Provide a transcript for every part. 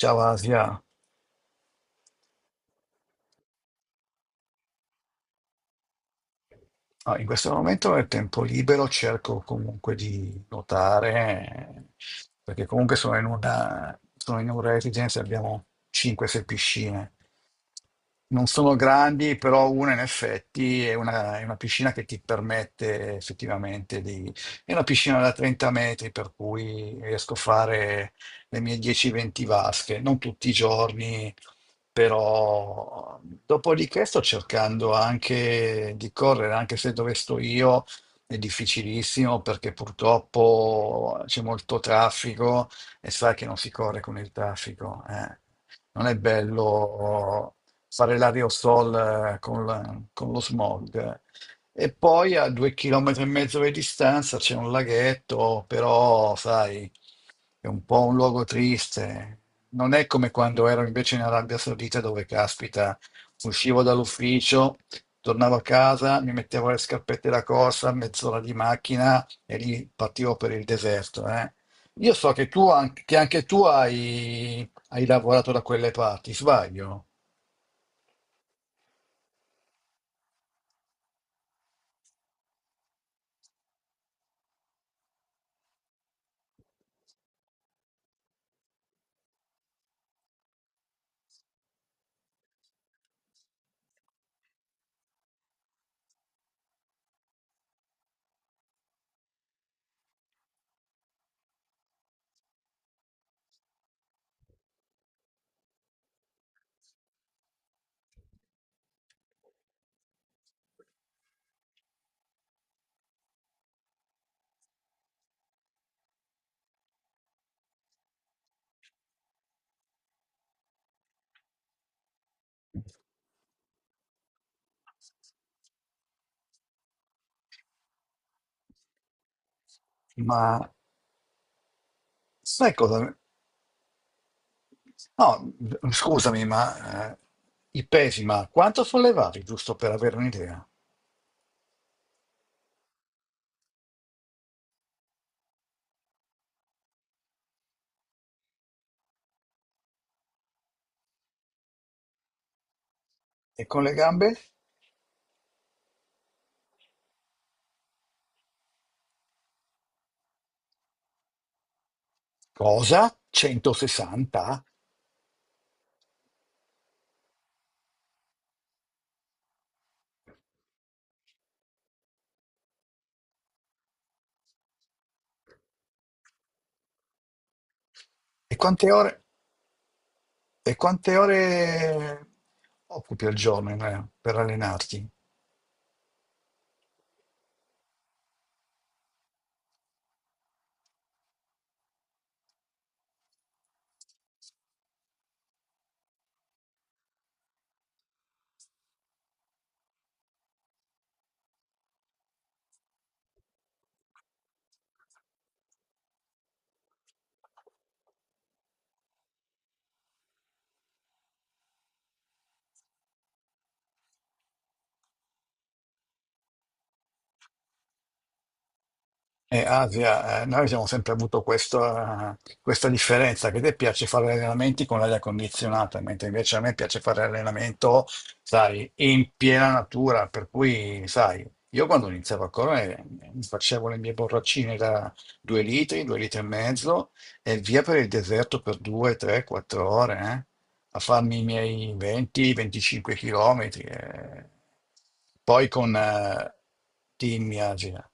Ciao, Asia. Ah, in questo momento nel tempo libero cerco comunque di nuotare, perché comunque sono in una residenza, abbiamo 5-6 piscine. Non sono grandi, però una in effetti è una piscina che ti permette effettivamente di. È una piscina da 30 metri, per cui riesco a fare le mie 10-20 vasche, non tutti i giorni, però dopodiché sto cercando anche di correre, anche se dove sto io è difficilissimo perché purtroppo c'è molto traffico e sai che non si corre con il traffico, eh. Non è bello fare l'aerosol con lo smog, eh. E poi a 2 chilometri e mezzo di distanza c'è un laghetto, però sai, è un po' un luogo triste. Non è come quando ero invece in Arabia Saudita dove, caspita, uscivo dall'ufficio, tornavo a casa, mi mettevo le scarpette da corsa, mezz'ora di macchina e lì partivo per il deserto, eh. Io so che tu, an- che anche tu hai lavorato da quelle parti, sbaglio? Ma sai cosa? No, scusami, ma i pesi, ma quanto sollevavi, giusto per avere un'idea? E con le gambe? Cosa? 160? E quante ore, e quante ore occupi al giorno, per allenarti? Asia, noi abbiamo sempre avuto questa differenza che a te piace fare allenamenti con l'aria condizionata, mentre invece a me piace fare allenamento, sai, in piena natura, per cui, sai, io quando iniziavo a correre, mi facevo le mie borraccine da 2 litri, 2 litri e mezzo e via per il deserto per 2, 3, 4 ore, a farmi i miei 20-25 chilometri, eh. poi con Team Asia.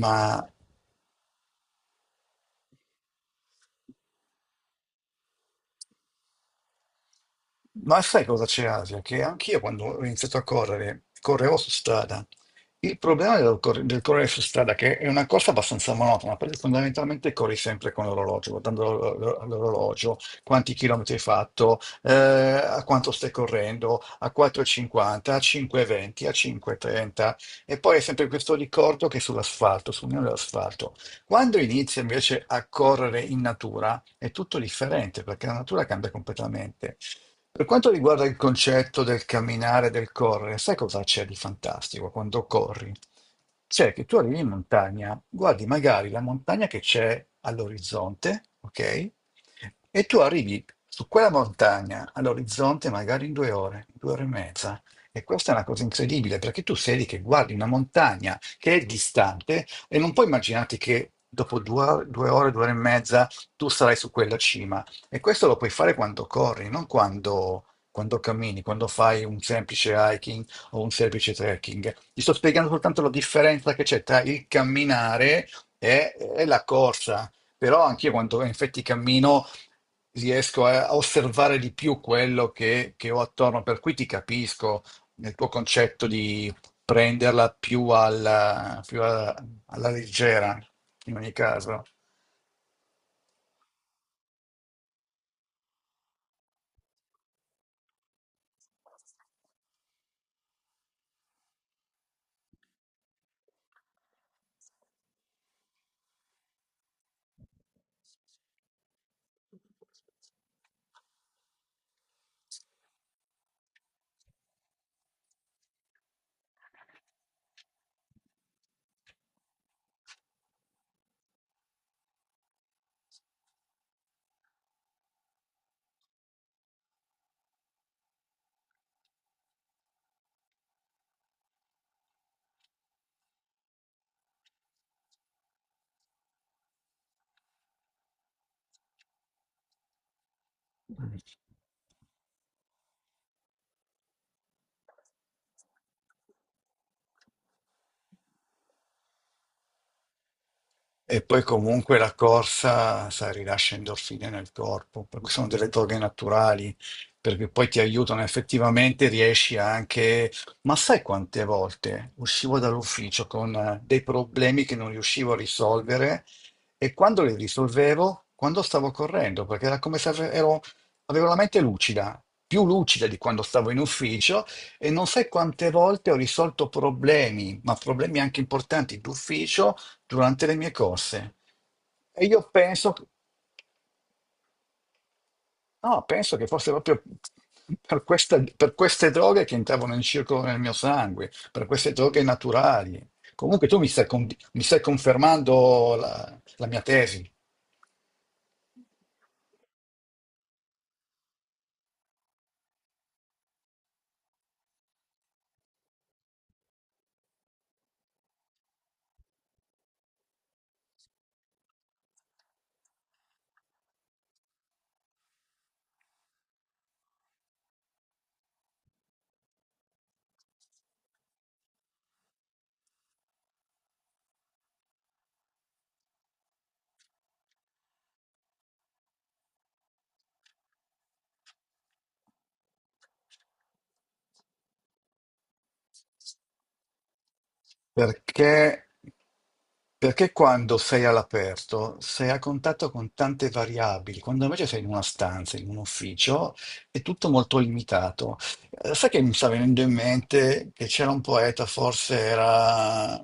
Ma Ma sai cosa c'è, Asia? Che anch'io quando ho iniziato a correre, correvo su strada. Il problema del correre su strada, che è una corsa abbastanza monotona, perché fondamentalmente corri sempre con l'orologio, guardando l'orologio, quanti chilometri hai fatto, a quanto stai correndo, a 4,50, a 5,20, a 5,30, e trenta, e poi è sempre questo ricordo che è sull'asfalto, sul mio dell'asfalto. Quando inizi invece a correre in natura è tutto differente perché la natura cambia completamente. Per quanto riguarda il concetto del camminare, del correre, sai cosa c'è di fantastico quando corri? C'è che tu arrivi in montagna, guardi magari la montagna che c'è all'orizzonte, ok? E tu arrivi su quella montagna all'orizzonte magari in 2 ore, 2 ore e mezza. E questa è una cosa incredibile perché tu sei lì che guardi una montagna che è distante e non puoi immaginarti che dopo due ore, 2 ore e mezza tu sarai su quella cima. E questo lo puoi fare quando corri, non quando cammini, quando fai un semplice hiking o un semplice trekking. Ti sto spiegando soltanto la differenza che c'è tra il camminare e la corsa. Però anche io quando in effetti cammino riesco a osservare di più quello che ho attorno, per cui ti capisco nel tuo concetto di prenderla più alla leggera, in ogni caso. E poi comunque la corsa, sai, rilascia endorfine nel corpo, perché sono delle droghe naturali, perché poi ti aiutano effettivamente, riesci anche. Ma sai quante volte uscivo dall'ufficio con dei problemi che non riuscivo a risolvere e quando li risolvevo, quando stavo correndo, perché era come se avevo la mente lucida, più lucida di quando stavo in ufficio e non sai quante volte ho risolto problemi, ma problemi anche importanti d'ufficio durante le mie corse. E io penso, no, penso che fosse proprio per queste droghe che entravano in circolo nel mio sangue, per queste droghe naturali. Comunque tu mi stai confermando la mia tesi. Perché, perché quando sei all'aperto sei a contatto con tante variabili, quando invece sei in una stanza, in un ufficio, è tutto molto limitato. Sai che mi sta venendo in mente che c'era un poeta,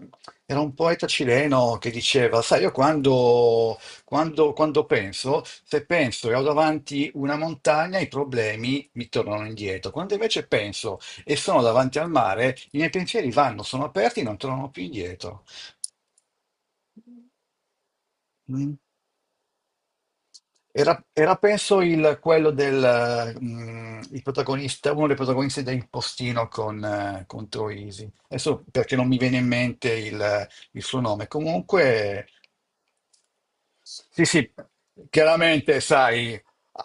era un poeta cileno che diceva, sai, io quando penso, se penso e ho davanti una montagna, i problemi mi tornano indietro. Quando invece penso e sono davanti al mare, i miei pensieri vanno, sono aperti, non tornano più indietro. Mm. Penso quello del il protagonista, uno dei protagonisti del postino con Troisi. Adesso perché non mi viene in mente il suo nome. Comunque sì, sì, chiaramente, sai,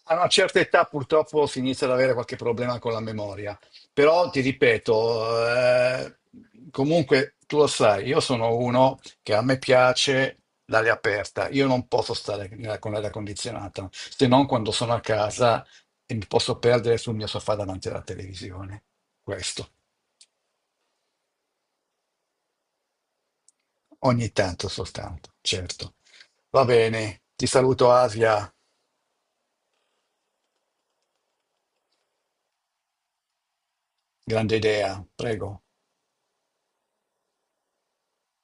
a una certa età purtroppo si inizia ad avere qualche problema con la memoria, però ti ripeto, comunque tu lo sai, io sono uno che a me piace l'aria aperta, io non posso stare con l'aria condizionata, se non quando sono a casa e mi posso perdere sul mio sofà davanti alla televisione. Questo, ogni tanto soltanto, certo. Va bene, ti saluto, Asia, grande idea, prego.